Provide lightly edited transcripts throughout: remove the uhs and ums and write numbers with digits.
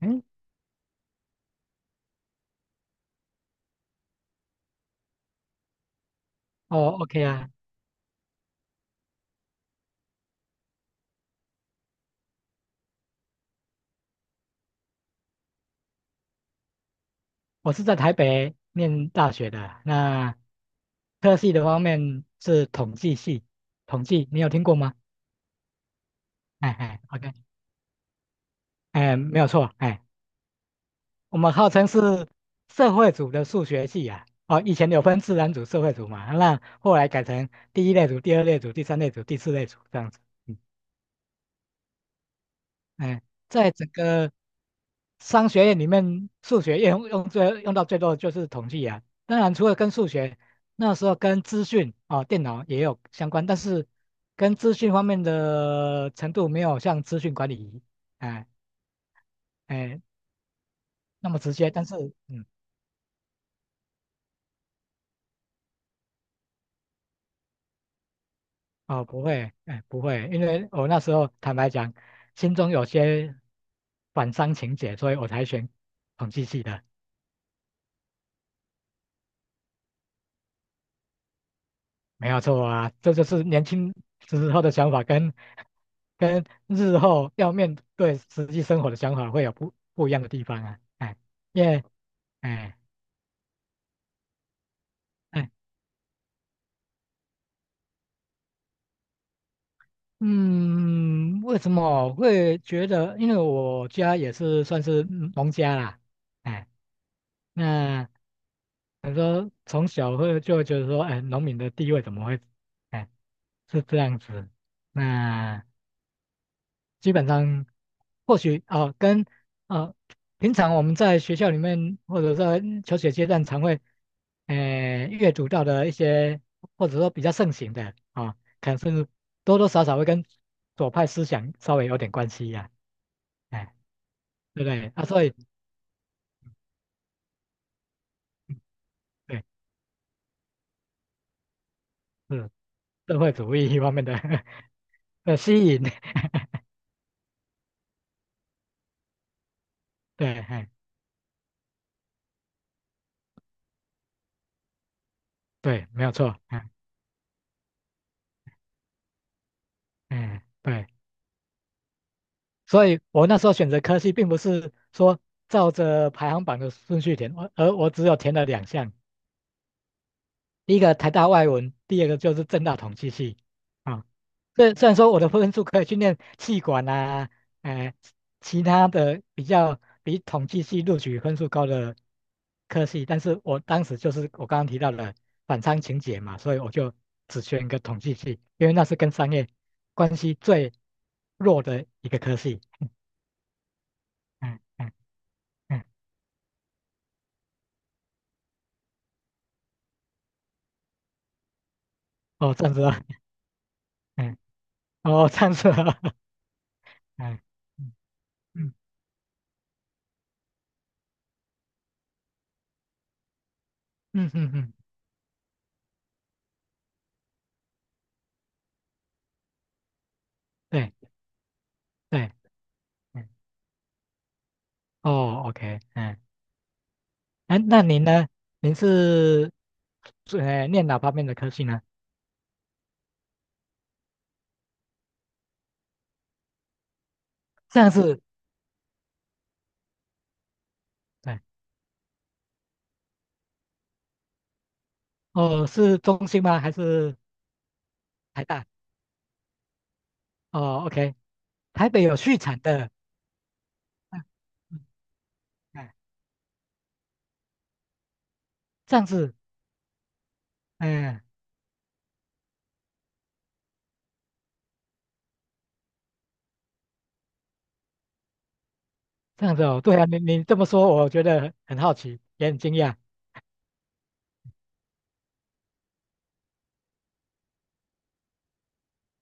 嗯，哦，OK 啊，我是在台北念大学的，那特系的方面是统计系，统计你有听过吗？哎哎，OK，哎，没有错，哎，我们号称是社会组的数学系啊，哦，以前有分自然组、社会组嘛，那后来改成第一类组、第二类组、第三类组、第四类组这样子，哎，在整个商学院里面，数学用到最多的就是统计啊。当然，除了跟数学，那时候跟资讯啊、电脑也有相关，但是跟资讯方面的程度没有像资讯管理，哎哎那么直接。但是，嗯，哦，不会，哎，不会，因为我那时候坦白讲，心中有些反商情结，所以我才选统计系的。没有错啊，这就是年轻时候的想法跟日后要面对实际生活的想法会有不一样的地方啊，哎，因为哎哎嗯，为什么我会觉得？因为我家也是算是嗯农家啦，哎，那你说从小会就会觉得说，哎，农民的地位怎么会，哎，是这样子，那。基本上或许啊、跟啊，平常我们在学校里面或者在求学阶段常会，呃，阅读到的一些或者说比较盛行的啊、可能甚至多多少少会跟左派思想稍微有点关系呀、哎，对不对？啊，所以对，是社会主义方面的 的吸引，对，哎，对，没有错，哎，哎，对。所以我那时候选择科系，并不是说照着排行榜的顺序填，我只有填了2项，第一个台大外文，第二个就是政大统计系。啊，虽然说我的分数可以去念气管啊，哎、其他的比较比统计系录取分数高的科系，但是我当时就是我刚刚提到的反常情节嘛，所以我就只选一个统计系，因为那是跟商业关系最弱的一个科系。嗯嗯嗯。哦，站着啊，嗯，哦，站着啊，嗯嗯嗯嗯嗯，对对，嗯，哦，OK，嗯，哎，那您呢？您是念哪方面的科系呢？这样是，对，哦，是中兴吗？还是台大？哦，OK，台北有续产的，嗯嗯，哎，这样子，嗯，这样子哦，对啊，你你这么说，我觉得很好奇，也很惊讶。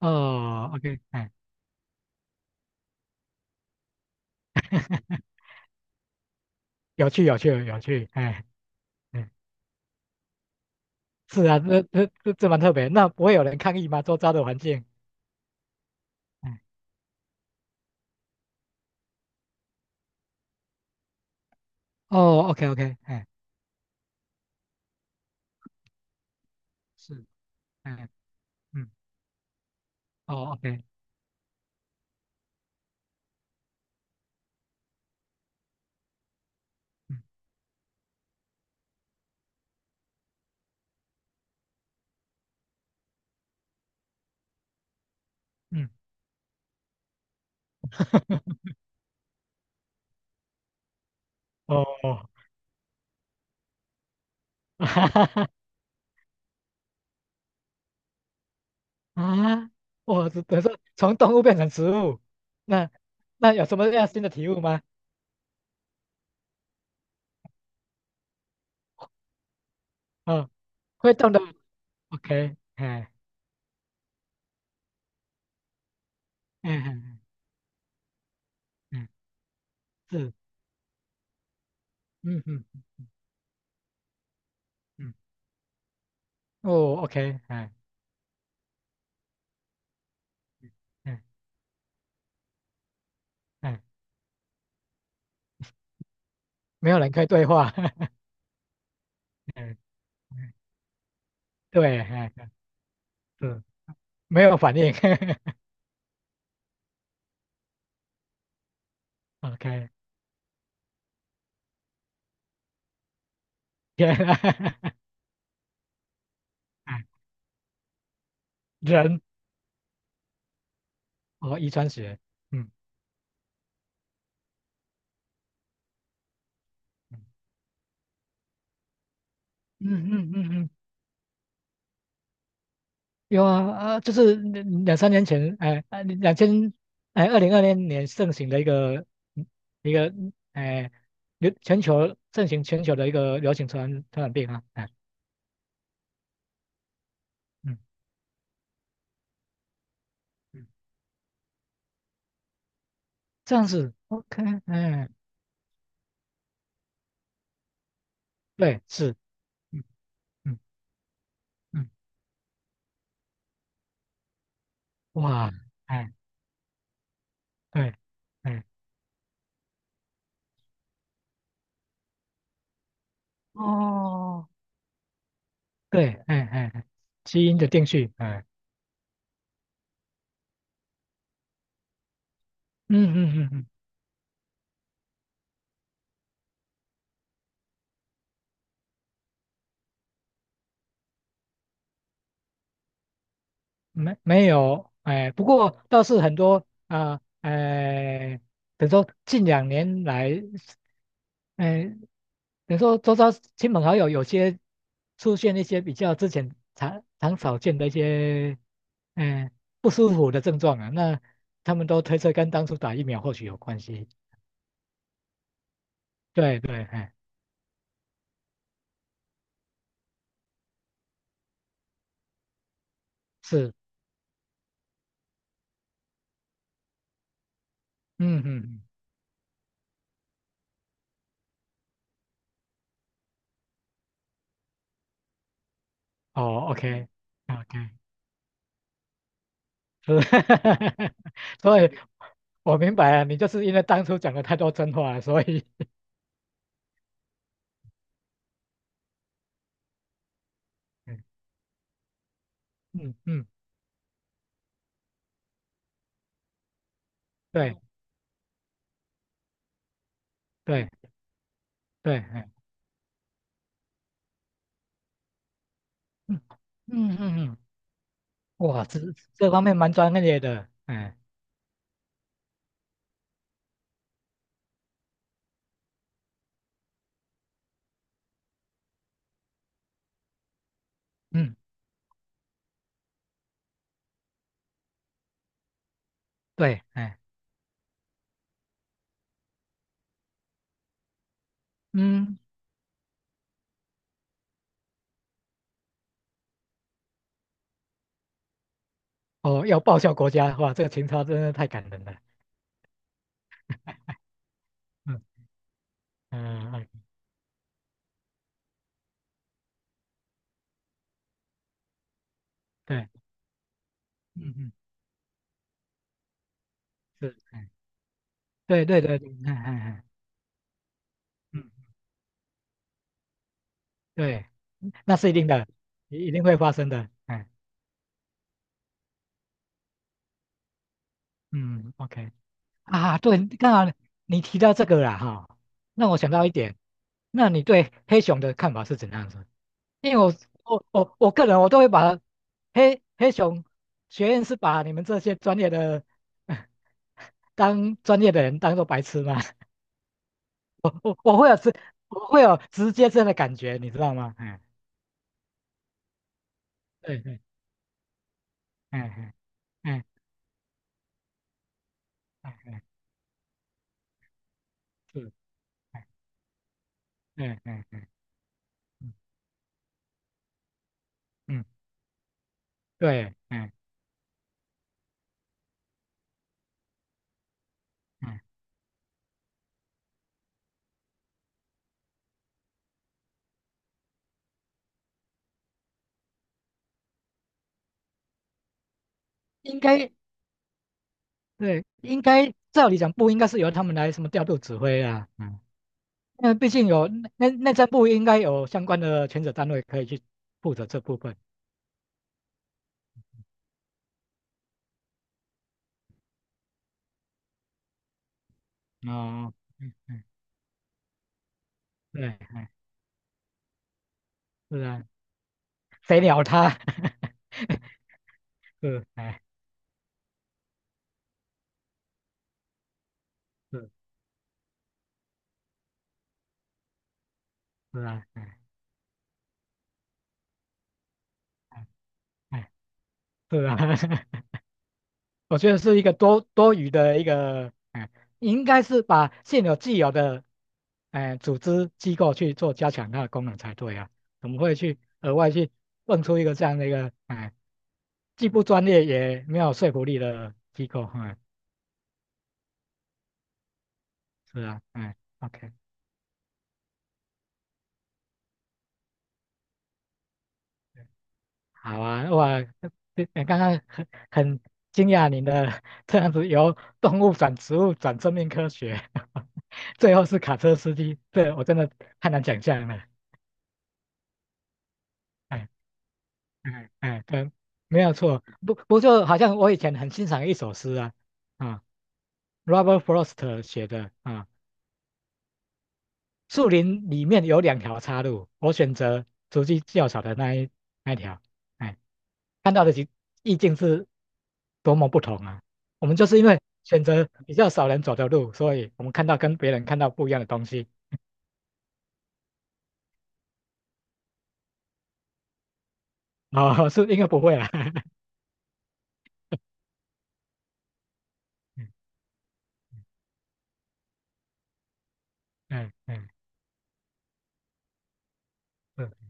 哦，OK，哎，有趣，有趣，有趣，哎。嗯是啊，这蛮特别。那不会有人抗议吗？周遭的环境？哎，哦，OK OK，哎，是，哎，嗯，哦，OK，嗯嗯，哦，哈哈哈啊，我只等于说从动物变成植物，那那有什么样新的体悟吗？嗯，会动的，OK，哎，哎哎哎，是，嗯嗯嗯，哦，OK，哎哎哎，没有人可以对话，哎哎对，哎哎是没有反应。OK，天啊，哎人哦，遗传学，嗯嗯嗯嗯嗯，嗯，有啊啊，就是两三年前，哎，啊哎，2020年盛行的一个一个哎，流全球盛行全球的一个流行传染病啊，哎，嗯嗯，这样子，OK，哎，对，是，嗯嗯嗯，哇，哎对，哎哦，对，哎哎，哎基因的定序，哎，嗯嗯嗯嗯。没没有，哎，不过倒是很多啊，哎，等于说近2年来，哎，等于说周遭亲朋好友有些出现一些比较之前常常少见的一些，哎，不舒服的症状啊，那他们都推测跟当初打疫苗或许有关系。对对，哎，是，嗯嗯，嗯哦，OK OK，是，所以我明白了，你就是因为当初讲了太多真话了，所以。嗯嗯。嗯对对对，哎，嗯嗯嗯嗯，哇，这这方面蛮专业的，哎，嗯，对，哎，嗯，哦，要报效国家，哇，这个情操真的太感人了，嗯嗯，哎对，嗯嗯，是，哎，对对对，嗯嗯嗯，嗯，对，那是一定的，一定会发生的，哎，嗯，OK，啊，对，刚好你提到这个了哈，让我想到一点，那你对黑熊的看法是怎样子？因为我个人我都会把黑熊学院是把你们这些专业的 当专业的人当做白痴嘛，我我会有直我会有直接这样的感觉，你知道吗？嗯，对对，嗯嗯嗯嗯嗯，是，嗯嗯嗯嗯嗯，对，嗯嗯，应该对，应该照理讲不应该是由他们来什么调度指挥啊，嗯，那毕竟有内政部应该有相关的权责单位可以去负责这部分。哦，嗯嗯对，哎，是啊，谁鸟他？是，哎，是是啊，哎哎哎，是啊，我觉得是一个多余的一个，哎，应该是把现有既有的，哎，组织机构去做加强它的功能才对啊，怎么会去额外去蹦出一个这样的一个，哎，既不专业也没有说服力的机构？哎，是啊，哎，OK。好啊，哇，这刚刚很惊讶您的这样子由动物转植物转生命科学，最后是卡车司机，这我真的太难想象了。哎哎哎，对，没有错，不就好像我以前很欣赏一首诗啊啊，Robert Frost 写的啊，树林里面有两条岔路，我选择足迹较少的那一条。哎看到的意境是多么不同啊！我们就是因为选择比较少人走的路，所以我们看到跟别人看到不一样的东西。哦，是应该不会啦。嗯嗯嗯，是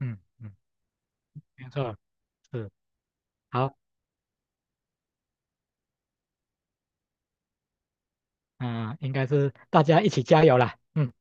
嗯嗯，没错，是好，嗯、应该是大家一起加油啦。嗯。